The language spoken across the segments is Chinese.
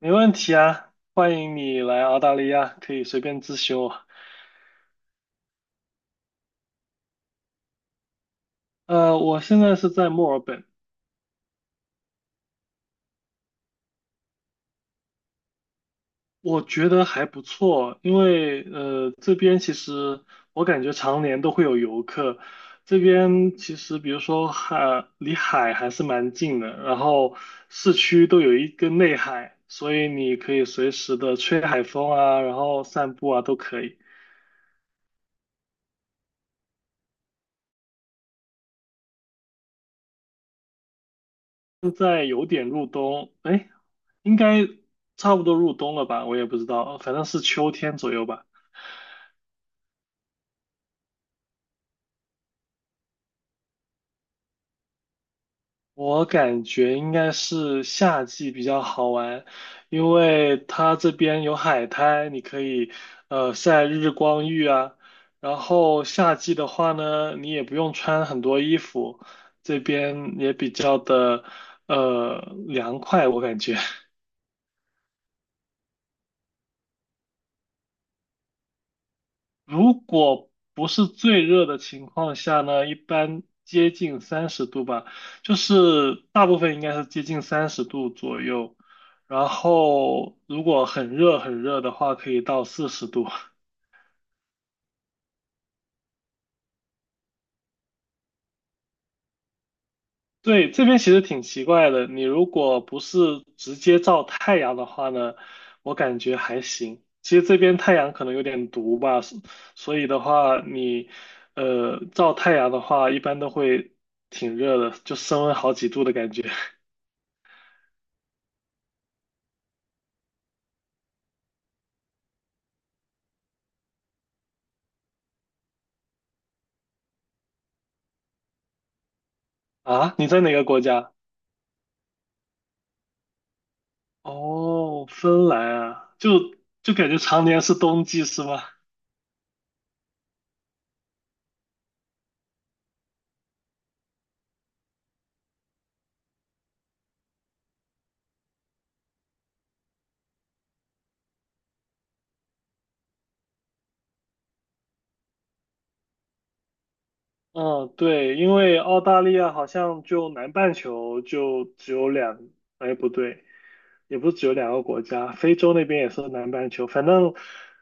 没问题啊，欢迎你来澳大利亚，可以随便咨询我。我现在是在墨尔本。我觉得还不错，因为这边其实我感觉常年都会有游客，这边其实比如说海离海还是蛮近的，然后市区都有一个内海，所以你可以随时的吹海风啊，然后散步啊都可以。现在有点入冬，哎，应该差不多入冬了吧？我也不知道，反正是秋天左右吧。我感觉应该是夏季比较好玩，因为它这边有海滩，你可以晒日光浴啊。然后夏季的话呢，你也不用穿很多衣服，这边也比较的呃凉快，我感觉。如果不是最热的情况下呢，一般接近三十度吧，就是大部分应该是接近三十度左右。然后如果很热很热的话，可以到40度。对，这边其实挺奇怪的。你如果不是直接照太阳的话呢，我感觉还行。其实这边太阳可能有点毒吧，所以的话，你照太阳的话，一般都会挺热的，就升温好几度的感觉。啊，你在哪个国家？哦，芬兰啊，就感觉常年是冬季是吗？嗯，对，因为澳大利亚好像就南半球就只有两，哎，不对。也不是只有两个国家，非洲那边也是南半球。反正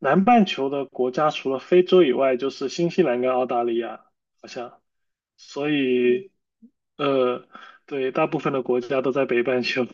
南半球的国家除了非洲以外，就是新西兰跟澳大利亚，好像。所以，呃，对，大部分的国家都在北半球。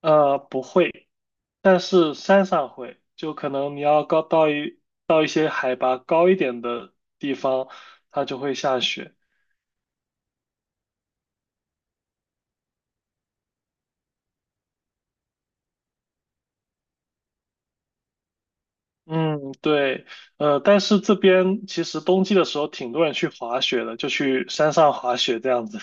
不会，但是山上会，就可能你要高到一些海拔高一点的地方，它就会下雪。嗯，对。但是这边其实冬季的时候，挺多人去滑雪的，就去山上滑雪这样子。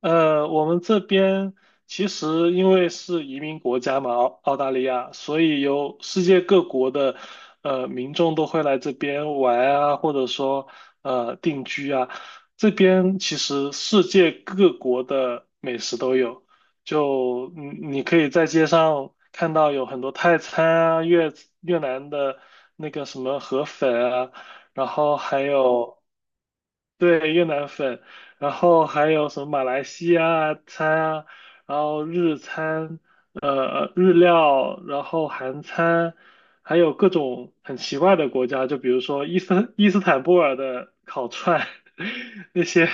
我们这边其实因为是移民国家嘛，澳大利亚，所以有世界各国的民众都会来这边玩啊，或者说定居啊。这边其实世界各国的美食都有，就你可以在街上看到有很多泰餐啊、越南的那个什么河粉啊，然后还有。对，越南粉，然后还有什么马来西亚餐啊，然后日餐，日料，然后韩餐，还有各种很奇怪的国家，就比如说伊斯坦布尔的烤串，那些，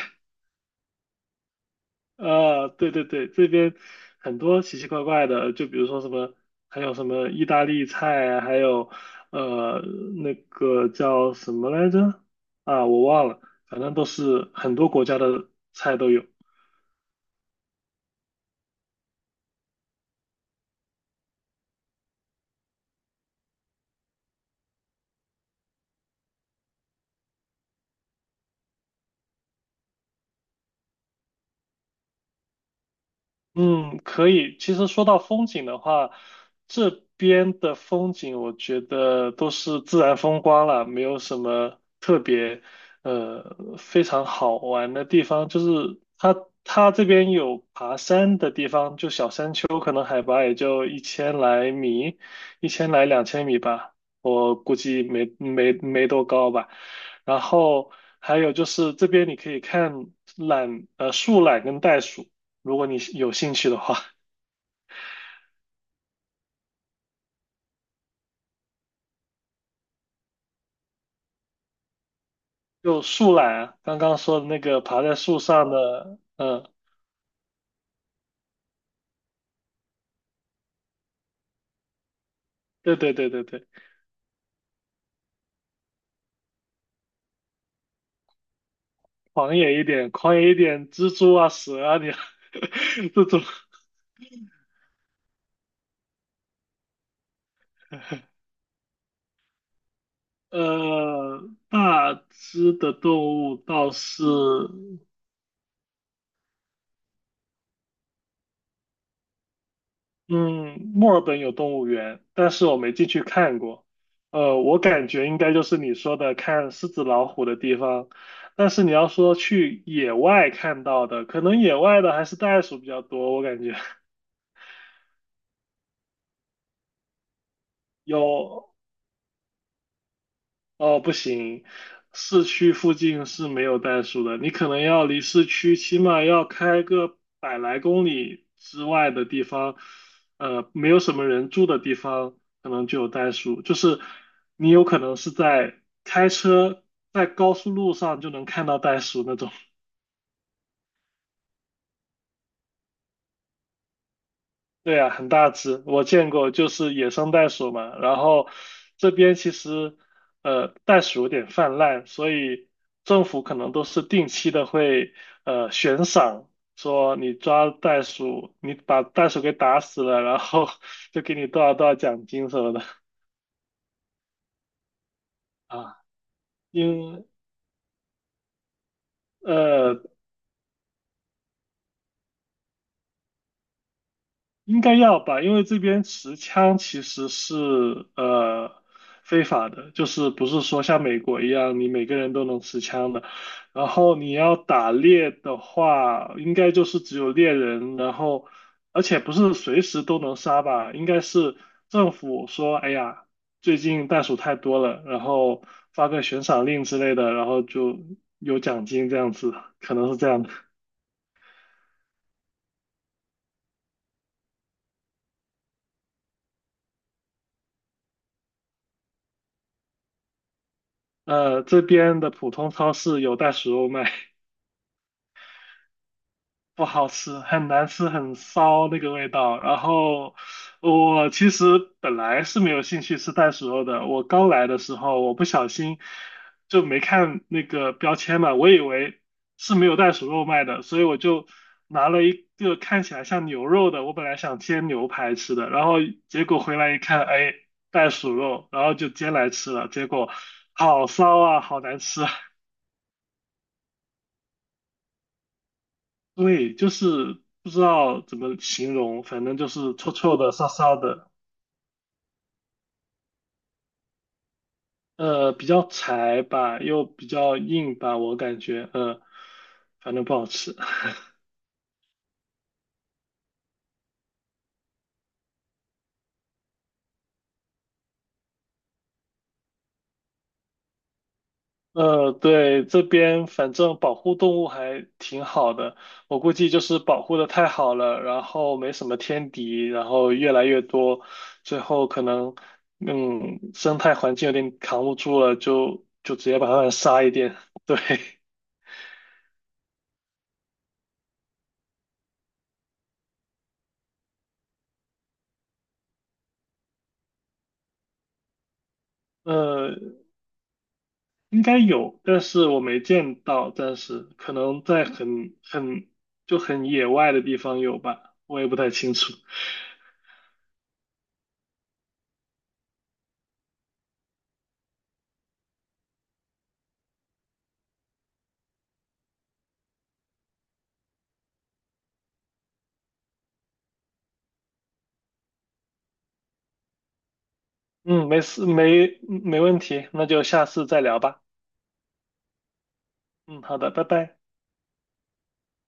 对对对，这边很多奇奇怪怪的，就比如说什么，还有什么意大利菜啊，还有呃那个叫什么来着？啊，我忘了，反正都是很多国家的菜都有。嗯，可以。其实说到风景的话，这边的风景我觉得都是自然风光啦，没有什么特别非常好玩的地方。就是它这边有爬山的地方，就小山丘，可能海拔也就一千来米，一千来两千米吧，我估计没多高吧。然后还有就是这边你可以看树懒跟袋鼠。如果你是有兴趣的话，就树懒，啊，刚刚说的那个爬在树上的，嗯，对对对对对，狂野一点，狂野一点，蜘蛛啊、蛇啊，你 这种，呃，大只的动物倒是嗯，墨尔本有动物园，但是我没进去看过。我感觉应该就是你说的看狮子、老虎的地方。但是你要说去野外看到的，可能野外的还是袋鼠比较多，我感觉 有哦，不行，市区附近是没有袋鼠的，你可能要离市区起码要开个百来公里之外的地方，没有什么人住的地方，可能就有袋鼠。就是你有可能是在开车在高速路上就能看到袋鼠那种。对啊，很大只，我见过，就是野生袋鼠嘛。然后这边其实，袋鼠有点泛滥，所以政府可能都是定期的会，悬赏，说你抓袋鼠，你把袋鼠给打死了，然后 就给你多少多少奖金什么的啊。因呃，应该要吧，因为这边持枪其实是非法的，就是不是说像美国一样你每个人都能持枪的。然后你要打猎的话，应该就是只有猎人，然后而且不是随时都能杀吧，应该是政府说，哎呀，最近袋鼠太多了，然后发个悬赏令之类的，然后就有奖金这样子，可能是这样的。这边的普通超市有袋鼠肉卖。不好吃，很难吃，很骚那个味道。然后我其实本来是没有兴趣吃袋鼠肉的，我刚来的时候我不小心就没看那个标签嘛，我以为是没有袋鼠肉卖的，所以我就拿了一个看起来像牛肉的，我本来想煎牛排吃的，然后结果回来一看，哎，袋鼠肉，然后就煎来吃了，结果好骚啊，好难吃啊。对，就是不知道怎么形容，反正就是臭臭的、骚骚的。比较柴吧，又比较硬吧，我感觉，反正不好吃。对，这边反正保护动物还挺好的，我估计就是保护的太好了，然后没什么天敌，然后越来越多，最后可能，生态环境有点扛不住了，就直接把它们杀一点，对。呃，应该有，但是我没见到，暂时可能在很野外的地方有吧，我也不太清楚。嗯，没事，没问题，那就下次再聊吧。嗯，好的，拜拜。